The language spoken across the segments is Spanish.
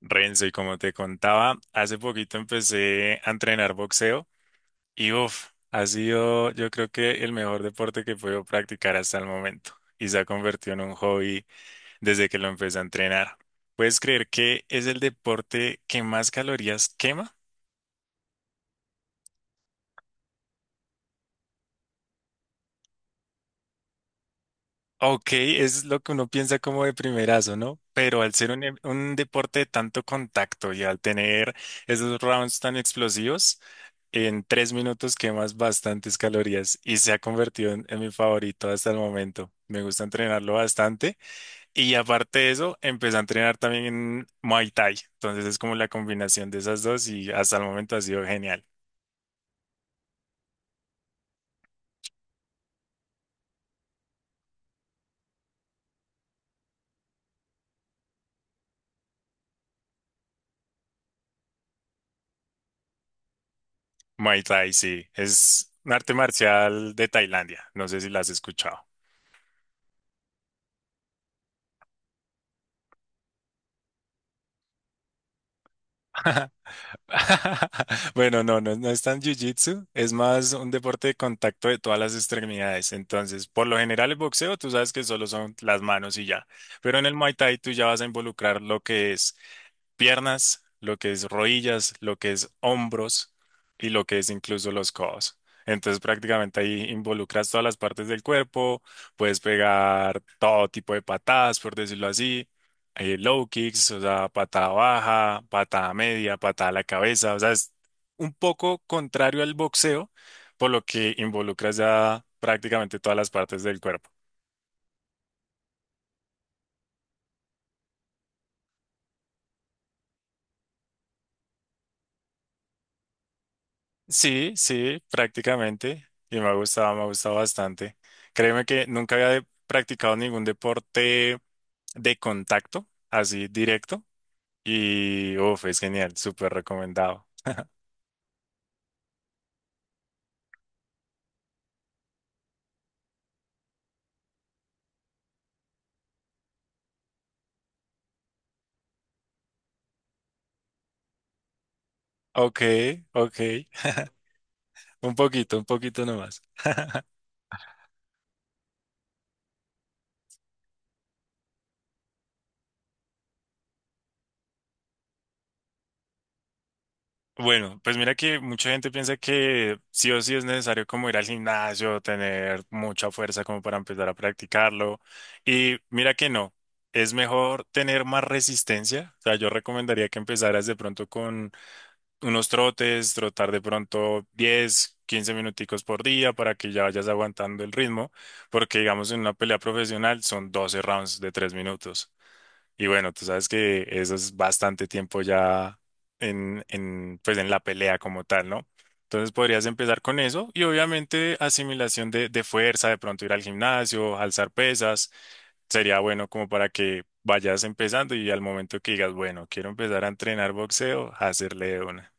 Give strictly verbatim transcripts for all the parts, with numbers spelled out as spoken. Renzo, y como te contaba, hace poquito empecé a entrenar boxeo y uff, ha sido yo creo que el mejor deporte que puedo practicar hasta el momento y se ha convertido en un hobby desde que lo empecé a entrenar. ¿Puedes creer que es el deporte que más calorías quema? Ok, es lo que uno piensa como de primerazo, ¿no? Pero al ser un, em- un deporte de tanto contacto y al tener esos rounds tan explosivos, en tres minutos quemas bastantes calorías y se ha convertido en, en mi favorito hasta el momento. Me gusta entrenarlo bastante y aparte de eso, empecé a entrenar también en Muay Thai. Entonces es como la combinación de esas dos y hasta el momento ha sido genial. Muay Thai, sí, es un arte marcial de Tailandia. No sé si la has escuchado. Bueno, no, no, no es tan jiu-jitsu, es más un deporte de contacto de todas las extremidades. Entonces, por lo general el boxeo, tú sabes que solo son las manos y ya. Pero en el Muay Thai tú ya vas a involucrar lo que es piernas, lo que es rodillas, lo que es hombros y lo que es incluso los codos. Entonces prácticamente ahí involucras todas las partes del cuerpo, puedes pegar todo tipo de patadas, por decirlo así, eh, low kicks, o sea, patada baja, patada media, patada a la cabeza, o sea, es un poco contrario al boxeo, por lo que involucras ya prácticamente todas las partes del cuerpo. Sí, sí, prácticamente. Y me ha gustado, me ha gustado bastante. Créeme que nunca había de- practicado ningún deporte de contacto, así directo. Y uff, es genial, súper recomendado. Ok, ok. Un poquito, un poquito nomás. Bueno, pues mira que mucha gente piensa que sí o sí es necesario como ir al gimnasio, tener mucha fuerza como para empezar a practicarlo. Y mira que no, es mejor tener más resistencia. O sea, yo recomendaría que empezaras de pronto con unos trotes, trotar de pronto diez, quince minuticos por día para que ya vayas aguantando el ritmo, porque digamos en una pelea profesional son doce rounds de tres minutos. Y bueno, tú sabes que eso es bastante tiempo ya en, en, pues en la pelea como tal, ¿no? Entonces podrías empezar con eso y obviamente asimilación de, de fuerza, de pronto ir al gimnasio, alzar pesas, sería bueno como para que vayas empezando y al momento que digas, bueno, quiero empezar a entrenar boxeo, hacerle de una.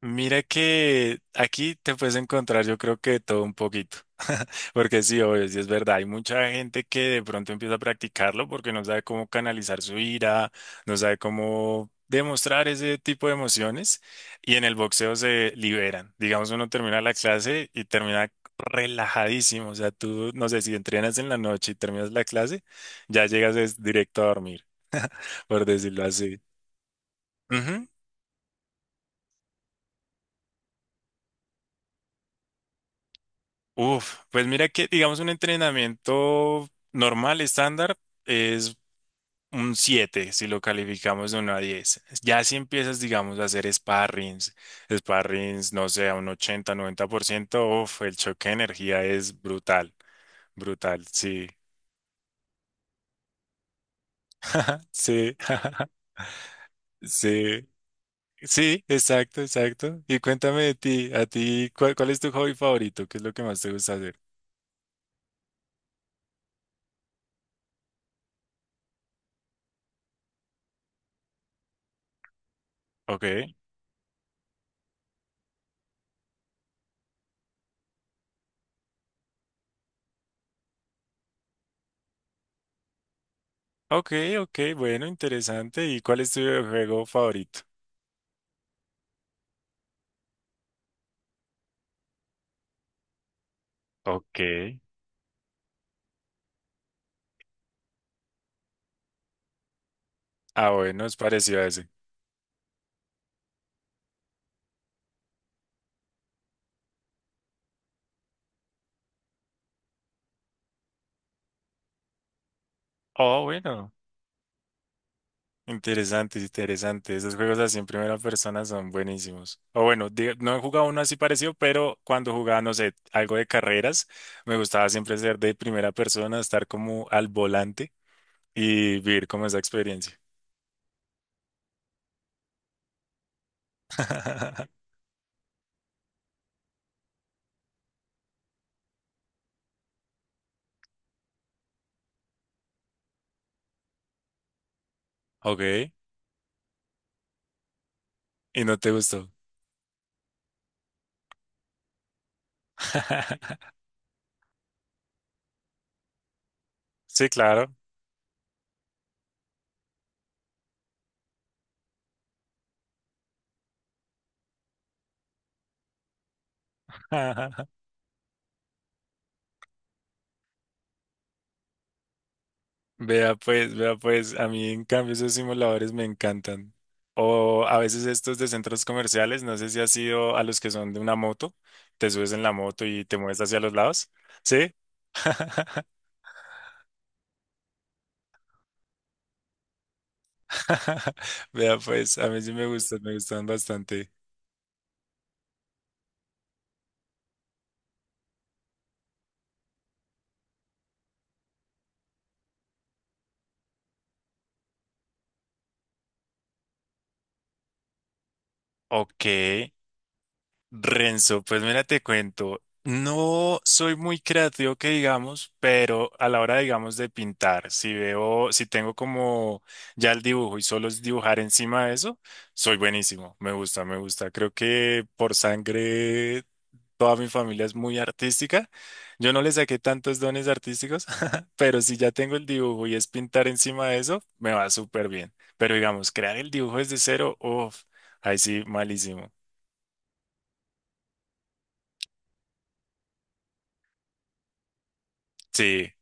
Mira que aquí te puedes encontrar yo creo que de todo un poquito, porque sí, obvio, sí es verdad, hay mucha gente que de pronto empieza a practicarlo porque no sabe cómo canalizar su ira, no sabe cómo demostrar ese tipo de emociones y en el boxeo se liberan. Digamos, uno termina la clase y termina relajadísimo, o sea, tú, no sé, si entrenas en la noche y terminas la clase, ya llegas es directo a dormir, por decirlo así. Uf, pues mira que, digamos, un entrenamiento normal, estándar, es un siete si lo calificamos de uno a diez. Ya si empiezas, digamos, a hacer sparrings, sparrings, no sé, a un ochenta, noventa por ciento, uf, el choque de energía es brutal, brutal, sí, sí, sí, sí, exacto, exacto. Y cuéntame de ti, a ti, ¿cuál, cuál es tu hobby favorito? ¿Qué es lo que más te gusta hacer? Ok, ok, ok, bueno, interesante. ¿Y cuál es tu juego favorito? Ok. Ah, bueno, es parecido a ese. Oh, bueno. Interesante, interesante. Esos juegos así en primera persona son buenísimos. O bueno, diga- no he jugado uno así parecido, pero cuando jugaba, no sé, algo de carreras, me gustaba siempre ser de primera persona, estar como al volante y vivir como esa experiencia. Ok. ¿Y no te gustó? Sí, claro. Vea pues, vea pues, a mí en cambio esos simuladores me encantan. O a veces estos de centros comerciales, no sé si has ido a los que son de una moto, te subes en la moto y te mueves hacia los lados. ¿Sí? Vea pues, a mí sí me gustan, me gustan bastante. Ok, Renzo, pues mira, te cuento, no soy muy creativo que digamos, pero a la hora, digamos, de pintar, si veo, si tengo como ya el dibujo y solo es dibujar encima de eso, soy buenísimo, me gusta, me gusta. Creo que por sangre toda mi familia es muy artística. Yo no le saqué tantos dones artísticos, pero si ya tengo el dibujo y es pintar encima de eso, me va súper bien. Pero digamos, crear el dibujo desde cero, uff, ahí sí, malísimo. Sí.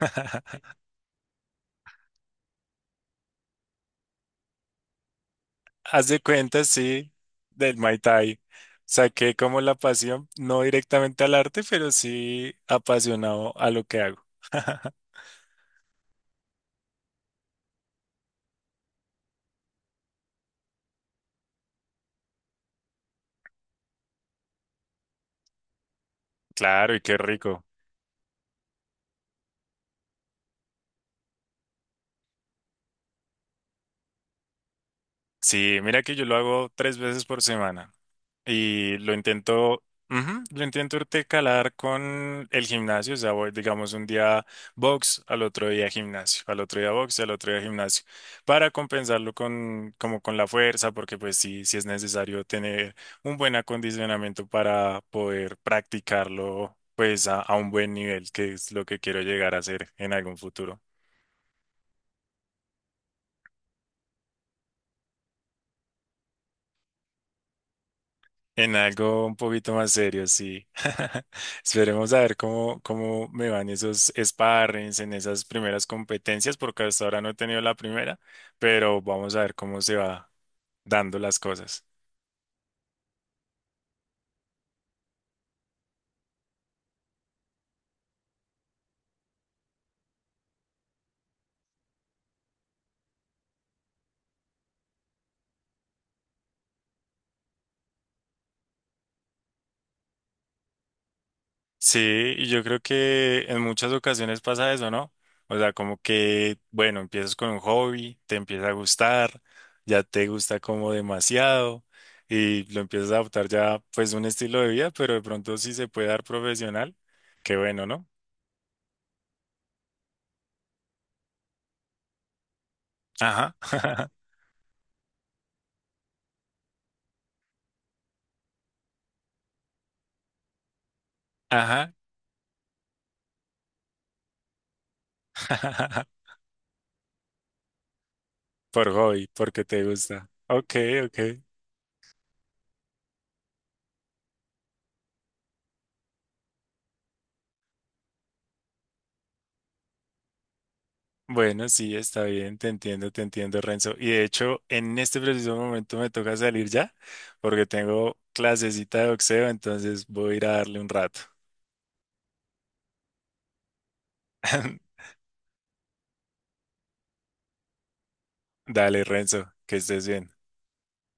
Haz de cuenta, sí, del Muay Thai. Saqué como la pasión, no directamente al arte, pero sí apasionado a lo que hago. Claro, y qué rico. Sí, mira que yo lo hago tres veces por semana. Y lo intento, ujú, lo intento intercalar con el gimnasio, o sea, voy, digamos, un día box, al otro día gimnasio, al otro día box, al otro día gimnasio, para compensarlo con, como con la fuerza, porque pues sí, sí es necesario tener un buen acondicionamiento para poder practicarlo, pues a, a un buen nivel, que es lo que quiero llegar a hacer en algún futuro. En algo un poquito más serio, sí. Esperemos a ver cómo, cómo me van esos sparrings en esas primeras competencias, porque hasta ahora no he tenido la primera, pero vamos a ver cómo se va dando las cosas. Sí, y yo creo que en muchas ocasiones pasa eso, ¿no? O sea, como que, bueno, empiezas con un hobby, te empieza a gustar, ya te gusta como demasiado y lo empiezas a adoptar ya pues un estilo de vida, pero de pronto sí se puede dar profesional, qué bueno, ¿no? Ajá, ajá, por hobby, porque te gusta. Ok, ok. Bueno, sí, está bien, te entiendo, te entiendo, Renzo. Y de hecho, en este preciso momento me toca salir ya, porque tengo clasecita de boxeo, entonces voy a ir a darle un rato. Dale, Renzo, que estés bien.